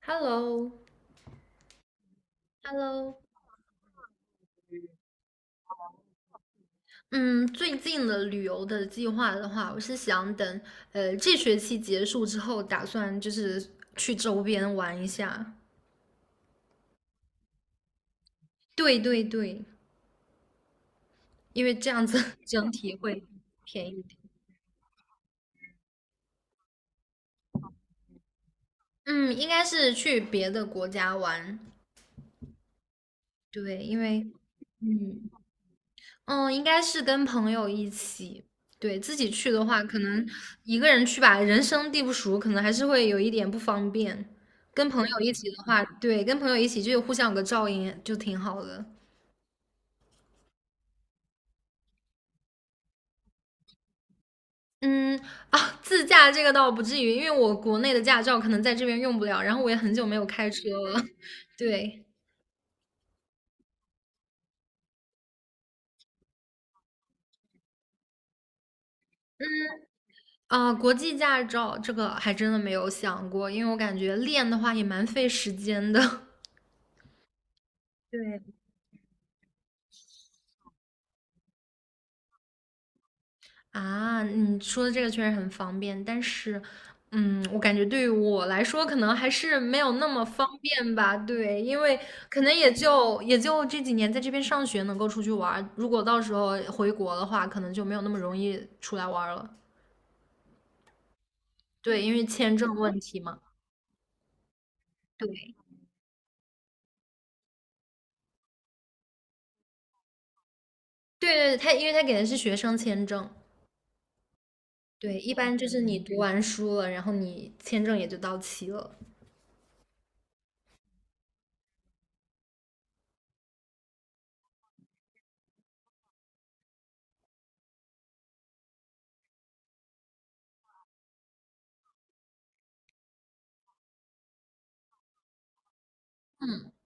Hello，Hello，嗯，最近的旅游的计划的话，我是想等这学期结束之后，打算就是去周边玩一下。对对对，因为这样子 整体会便宜一点。嗯，应该是去别的国家玩。对，因为嗯，嗯，应该是跟朋友一起。对，自己去的话，可能一个人去吧，人生地不熟，可能还是会有一点不方便。跟朋友一起的话，对，跟朋友一起就互相有个照应，就挺好的。嗯自驾这个倒不至于，因为我国内的驾照可能在这边用不了，然后我也很久没有开车了。对，国际驾照这个还真的没有想过，因为我感觉练的话也蛮费时间的。对，你说的这个确实很方便，但是，我感觉对于我来说，可能还是没有那么方便吧。对，因为可能也就这几年在这边上学能够出去玩儿，如果到时候回国的话，可能就没有那么容易出来玩儿了。对，因为签证问题嘛。对对，因为他给的是学生签证，对，一般就是你读完书了，然后你签证也就到期了。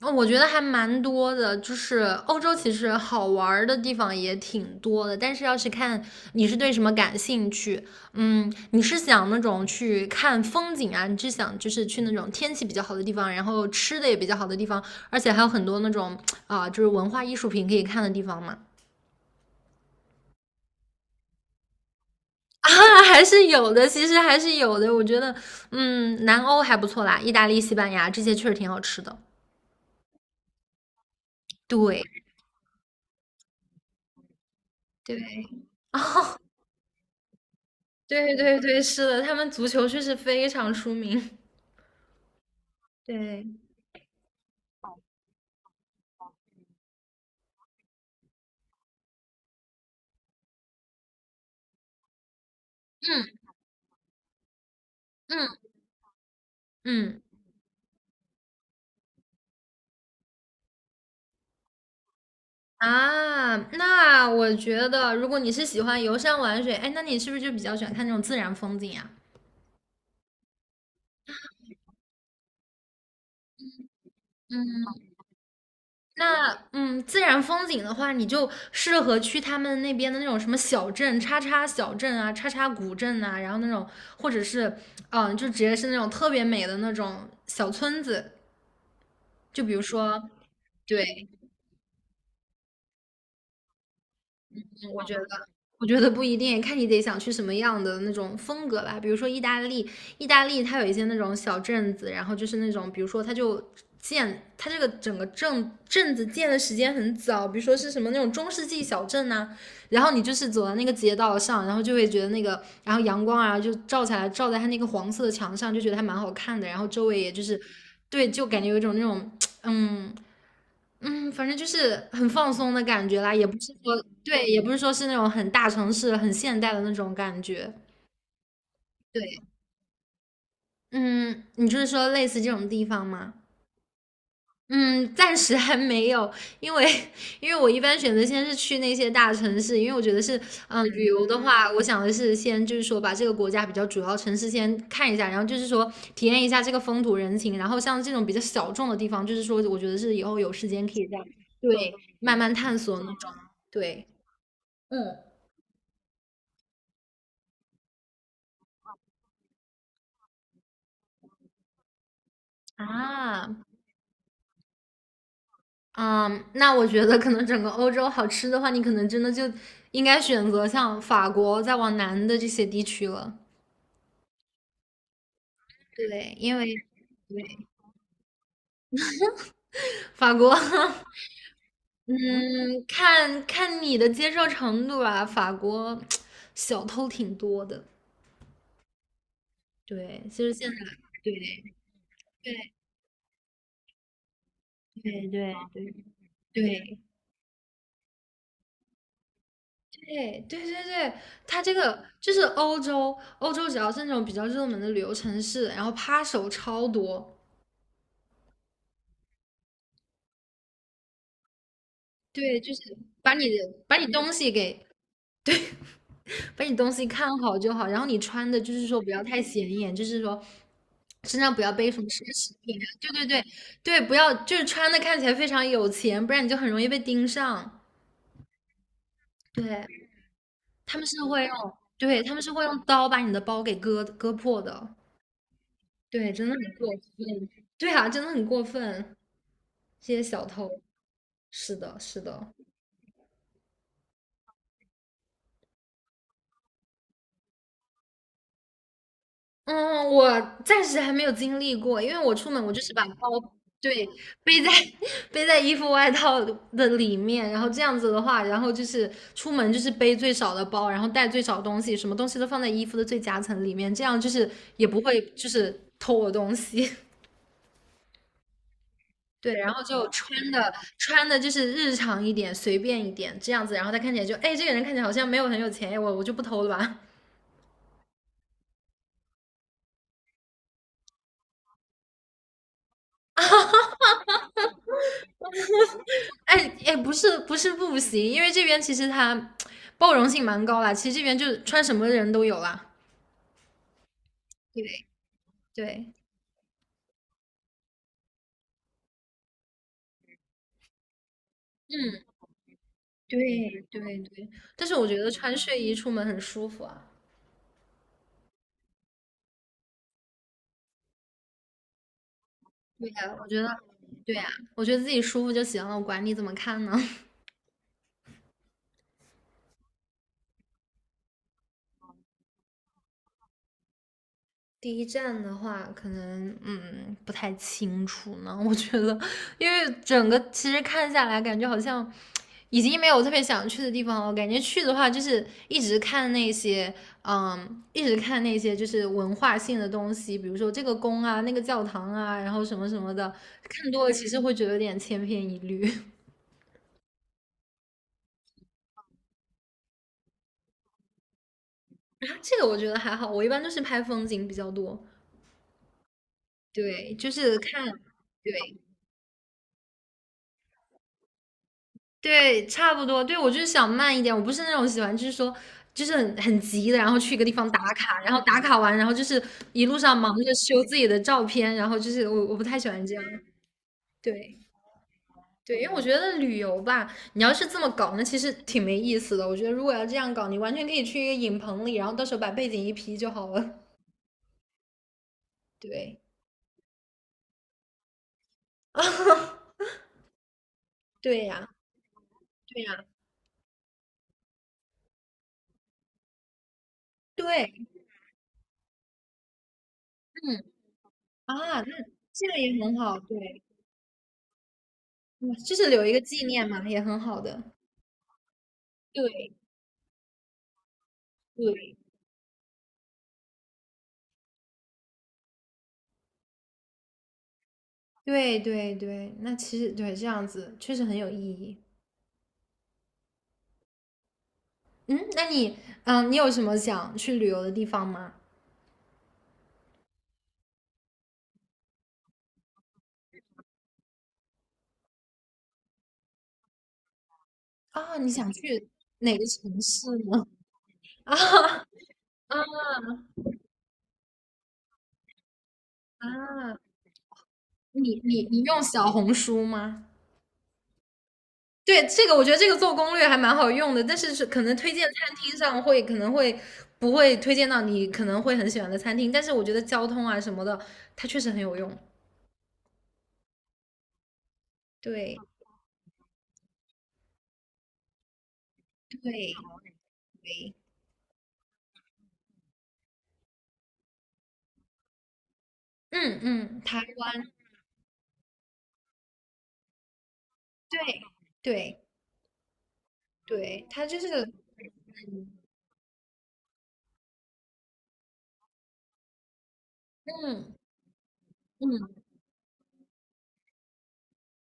哦，我觉得还蛮多的，就是欧洲其实好玩的地方也挺多的，但是要是看你是对什么感兴趣，你是想那种去看风景啊，你是想就是去那种天气比较好的地方，然后吃的也比较好的地方，而且还有很多那种就是文化艺术品可以看的地方嘛。啊，还是有的，其实还是有的。我觉得，南欧还不错啦，意大利、西班牙这些确实挺好吃的。对对，对对对，是的，他们足球确实非常出名。对，嗯嗯嗯，啊，那我觉得如果你是喜欢游山玩水，哎，那你是不是就比较喜欢看那种自然风景啊？嗯，那自然风景的话，你就适合去他们那边的那种什么小镇、叉叉小镇啊、叉叉古镇啊，然后那种或者是就直接是那种特别美的那种小村子，就比如说，对，我觉得。我觉得不一定，看你得想去什么样的那种风格吧。比如说意大利，意大利它有一些那种小镇子，然后就是那种，比如说它就它这个整个镇子建的时间很早，比如说是什么那种中世纪小镇呐、然后你就是走到那个街道上，然后就会觉得那个，然后阳光啊就照下来，照在它那个黄色的墙上，就觉得还蛮好看的。然后周围也就是，对，就感觉有一种那种，嗯，反正就是很放松的感觉啦，也不是说，对，也不是说是那种很大城市、很现代的那种感觉。对，嗯，你就是说类似这种地方吗？嗯，暂时还没有，因为 因为我一般选择先是去那些大城市，因为我觉得是，旅游的话，我想的是先就是说把这个国家比较主要城市先看一下，然后就是说体验一下这个风土人情，然后像这种比较小众的地方，就是说我觉得是以后有时间可以再对，慢慢探索那种，对。啊，嗯，那我觉得可能整个欧洲好吃的话，你可能真的就应该选择像法国再往南的这些地区了。对，因为 对法国，嗯，看看你的接受程度吧。法国 小偷挺多的，对，其实现在对对对对，对对对对对，它这个就是欧洲只要是那种比较热门的旅游城市，然后扒手超多。对，就是把你的把你东西给把你东西看好就好，然后你穿的就是说不要太显眼，就是说身上不要背什么奢侈品啊对对对对，不要就是穿的看起来非常有钱，不然你就很容易被盯上。对，他们是会用，对，他们是会用刀把你的包给割破的。对，真的很过分。对啊，真的很过分，这些小偷。是的，是的。嗯，我暂时还没有经历过，因为我出门我就是把包对背在 背在衣服外套的里面，然后这样子的话，然后就是出门就是背最少的包，然后带最少东西，什么东西都放在衣服的最夹层里面，这样就是也不会就是偷我东西。对，然后就穿的就是日常一点，随便一点这样子，然后他看起来就，哎，这个人看起来好像没有很有钱，哎我就不偷了吧。哎哎，不是不是不行，因为这边其实它包容性蛮高啦，其实这边就穿什么人都有啦。对对嗯，对对对，但是我觉得穿睡衣出门很舒服啊，对呀，我觉得对呀，我觉得自己舒服就行了，我管你怎么看呢。第一站的话，可能不太清楚呢。我觉得，因为整个其实看下来，感觉好像已经没有特别想去的地方了。我感觉去的话，就是一直看那些就是文化性的东西，比如说这个宫啊、那个教堂啊，然后什么什么的，看多了其实会觉得有点千篇一律。然后这个我觉得还好，我一般都是拍风景比较多，对，就是看，对。对，差不多。对，我就是想慢一点，我不是那种喜欢，就是说，就是很急的，然后去一个地方打卡，然后打卡完，然后就是一路上忙着修自己的照片，然后就是我不太喜欢这样。对对，因为我觉得旅游吧，你要是这么搞，那其实挺没意思的。我觉得如果要这样搞，你完全可以去一个影棚里，然后到时候把背景一 P 就好了。对，对呀，对呀，对，嗯啊，那这个也很好，对，嗯就是留一个纪念嘛，也很好的。对，对对对对，那其实对这样子确实很有意义。嗯，那你你有什么想去旅游的地方吗？啊，你想去哪个城市呢？啊啊，你用小红书吗？对，这个我觉得这个做攻略还蛮好用的，但是是可能推荐餐厅上会可能会不会推荐到你可能会很喜欢的餐厅，但是我觉得交通啊什么的，它确实很有用。对对对，嗯嗯，台湾，对对。对，它就是，嗯嗯，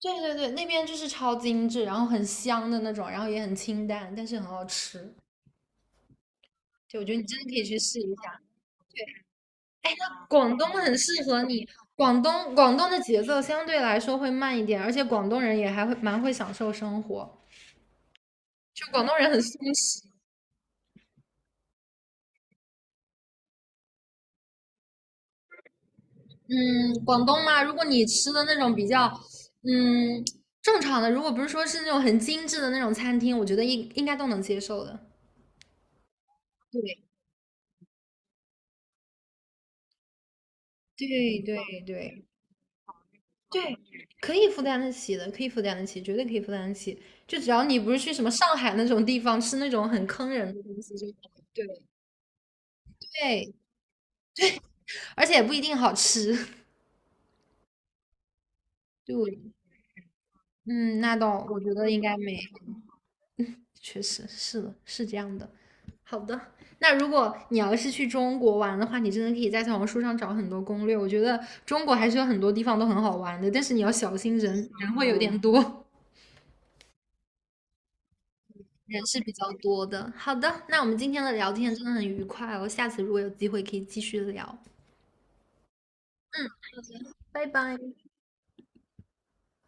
对对对，那边就是超精致，然后很香的那种，然后也很清淡，但是很好吃。就我觉得你真的可以去试一下，广东很适合你。广东的节奏相对来说会慢一点，而且广东人也还会蛮会享受生活，就广东人很松弛。嗯，广东嘛，如果你吃的那种比较，嗯，正常的，如果不是说是那种很精致的那种餐厅，我觉得应该都能接受的。对对对对。对，可以负担得起的，可以负担得起，绝对可以负担得起。就只要你不是去什么上海那种地方吃那种很坑人的东西就好对，对，而且也不一定好吃。对，嗯，那倒我觉得应该没，确实是的，是这样的。好的，那如果你要是去中国玩的话，你真的可以在小红书上找很多攻略。我觉得中国还是有很多地方都很好玩的，但是你要小心人，人会有点多。人是比较多的。好的，那我们今天的聊天真的很愉快哦，下次如果有机会可以继续聊。嗯，好的。